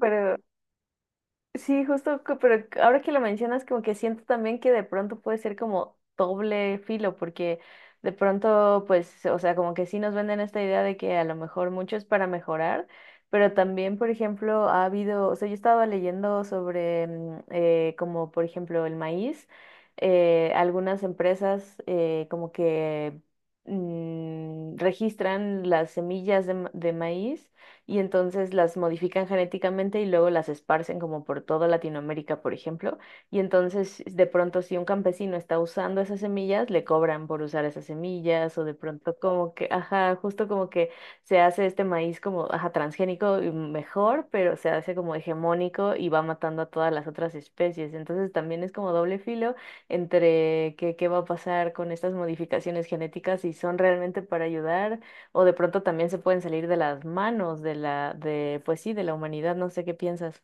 Pero sí, justo, pero ahora que lo mencionas, como que siento también que de pronto puede ser como doble filo, porque de pronto, pues, o sea, como que sí nos venden esta idea de que a lo mejor mucho es para mejorar, pero también, por ejemplo, ha habido, o sea, yo estaba leyendo sobre, como por ejemplo, el maíz, algunas empresas como que registran las semillas de de maíz y entonces las modifican genéticamente y luego las esparcen como por toda Latinoamérica, por ejemplo. Y entonces de pronto si un campesino está usando esas semillas, le cobran por usar esas semillas o de pronto como que, ajá, justo como que se hace este maíz como, ajá, transgénico y mejor, pero se hace como hegemónico y va matando a todas las otras especies. Entonces también es como doble filo entre qué, qué va a pasar con estas modificaciones genéticas, si son realmente para ayudar o de pronto también se pueden salir de las manos de la, de, pues sí, de la humanidad, no sé qué piensas.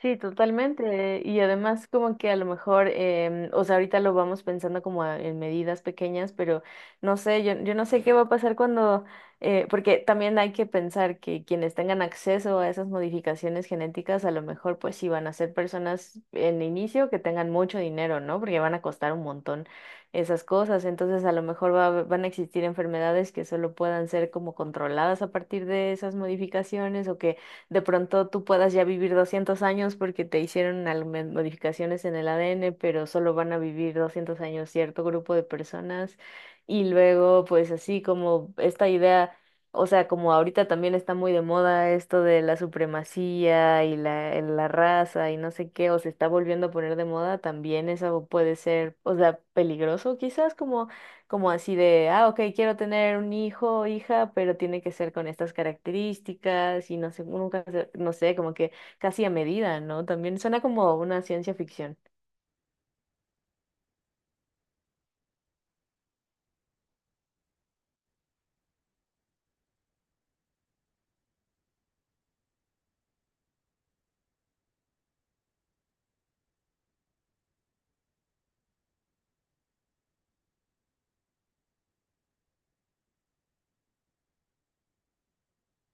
Sí, totalmente. Y además como que a lo mejor, o sea, ahorita lo vamos pensando como en medidas pequeñas, pero no sé, yo no sé qué va a pasar cuando, porque también hay que pensar que quienes tengan acceso a esas modificaciones genéticas, a lo mejor pues sí van a ser personas en inicio que tengan mucho dinero, ¿no? Porque van a costar un montón esas cosas. Entonces a lo mejor van a existir enfermedades que solo puedan ser como controladas a partir de esas modificaciones o que de pronto tú puedas ya vivir 200 años porque te hicieron algunas modificaciones en el ADN, pero solo van a vivir 200 años cierto grupo de personas. Y luego, pues así como esta idea, o sea, como ahorita también está muy de moda esto de la supremacía y la raza y no sé qué, o se está volviendo a poner de moda, también eso puede ser, o sea, peligroso quizás, como así de, ah, ok, quiero tener un hijo o hija, pero tiene que ser con estas características y no sé, nunca, no sé, como que casi a medida, ¿no? También suena como una ciencia ficción.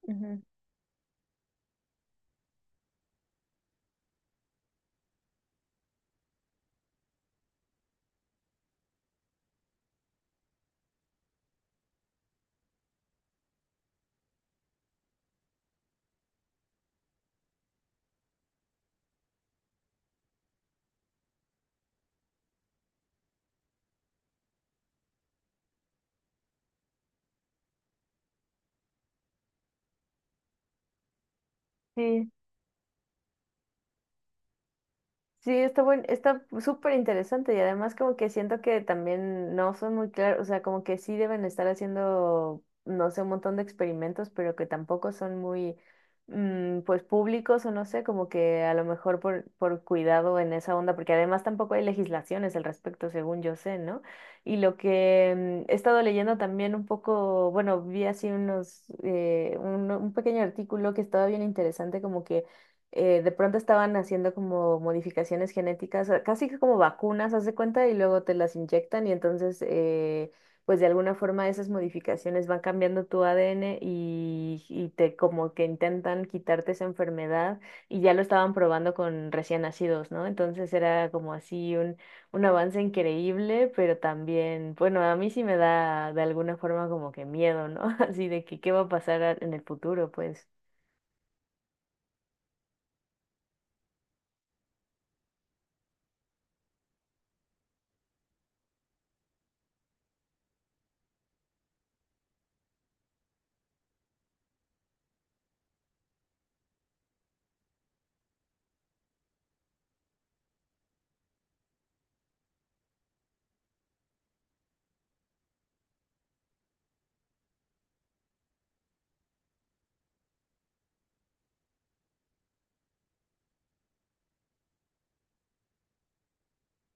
Ujú. Sí, Sí, está buen, está súper interesante y además como que siento que también no son muy claros, o sea, como que sí deben estar haciendo, no sé, un montón de experimentos, pero que tampoco son muy, pues públicos o no sé, como que a lo mejor por cuidado en esa onda, porque además tampoco hay legislaciones al respecto, según yo sé, ¿no? Y lo que he estado leyendo también un poco, bueno, vi así unos, un pequeño artículo que estaba bien interesante, como que de pronto estaban haciendo como modificaciones genéticas, casi que como vacunas, haz de cuenta, y luego te las inyectan y entonces, pues de alguna forma esas modificaciones van cambiando tu ADN y te como que intentan quitarte esa enfermedad y ya lo estaban probando con recién nacidos, ¿no? Entonces era como así un avance increíble, pero también, bueno, a mí sí me da de alguna forma como que miedo, ¿no? Así de que qué va a pasar en el futuro, pues.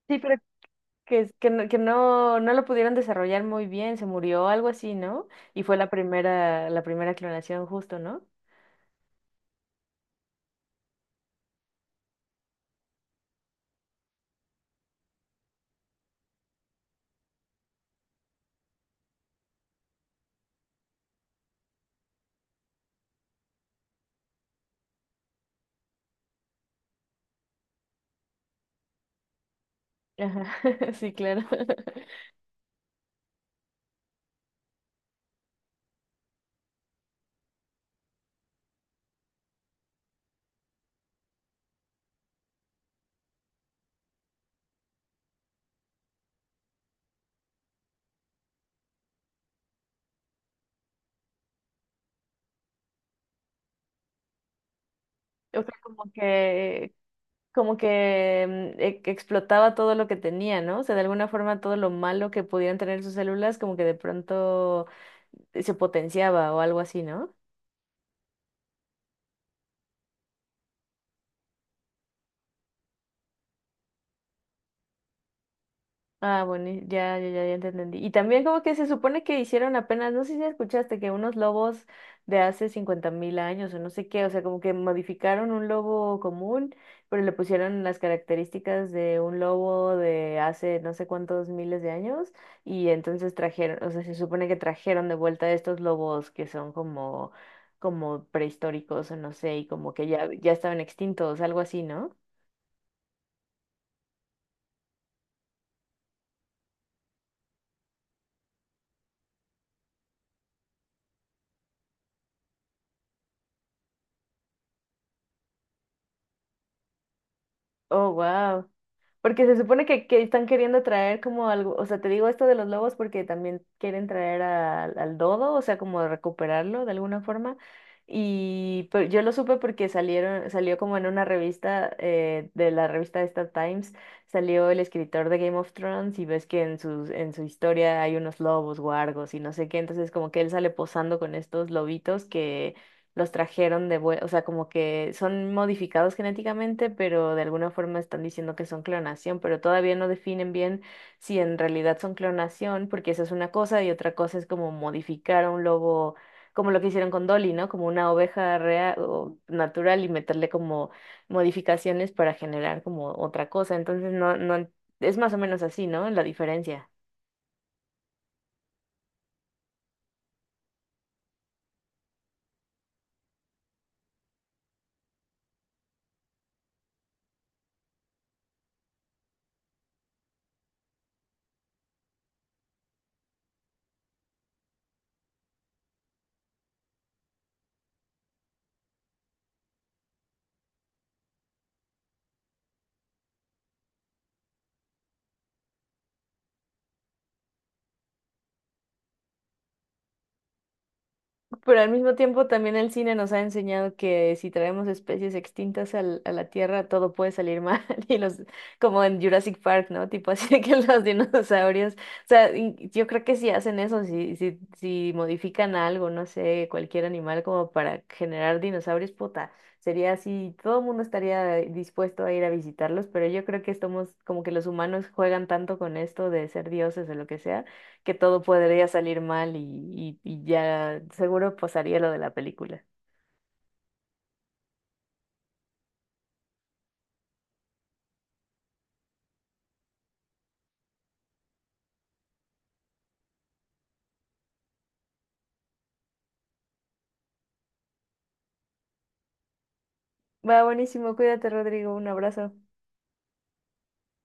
Sí, pero que no, no lo pudieron desarrollar muy bien, se murió, algo así, ¿no? Y fue la primera clonación justo, ¿no? Ajá, sí, claro. O sea, como que que explotaba todo lo que tenía, ¿no? O sea, de alguna forma todo lo malo que pudieran tener sus células, como que de pronto se potenciaba o algo así, ¿no? Ah, bueno, ya te entendí. Y también como que se supone que hicieron apenas, no sé si escuchaste, que unos lobos de hace 50.000 años o no sé qué, o sea, como que modificaron un lobo común, pero le pusieron las características de un lobo de hace no sé cuántos miles de años y entonces trajeron, o sea, se supone que trajeron de vuelta estos lobos que son como, como prehistóricos o no sé, y como que ya estaban extintos, algo así, ¿no? Oh, wow. Porque se supone que están queriendo traer como algo, o sea, te digo esto de los lobos porque también quieren traer al al dodo, o sea, como recuperarlo de alguna forma. Y pero yo lo supe porque salió como en una revista, de la revista esta Times, salió el escritor de Game of Thrones y ves que en en su historia hay unos lobos, guargos y no sé qué, entonces como que él sale posando con estos lobitos que los trajeron de vuelta, o sea, como que son modificados genéticamente, pero de alguna forma están diciendo que son clonación, pero todavía no definen bien si en realidad son clonación, porque esa es una cosa y otra cosa es como modificar a un lobo, como lo que hicieron con Dolly, ¿no? Como una oveja real o natural y meterle como modificaciones para generar como otra cosa. Entonces, no, no, es más o menos así, ¿no? La diferencia. Pero al mismo tiempo también el cine nos ha enseñado que si traemos especies extintas a la Tierra, todo puede salir mal. Y los, como en Jurassic Park, ¿no? Tipo así de que los dinosaurios. O sea, y yo creo que si hacen eso, si modifican algo, no sé, cualquier animal como para generar dinosaurios, puta, sería así, todo el mundo estaría dispuesto a ir a visitarlos, pero yo creo que estamos, como que los humanos juegan tanto con esto de ser dioses o lo que sea que todo podría salir mal y, y ya seguro pasaría lo de la película. Va, buenísimo, cuídate, Rodrigo, un abrazo.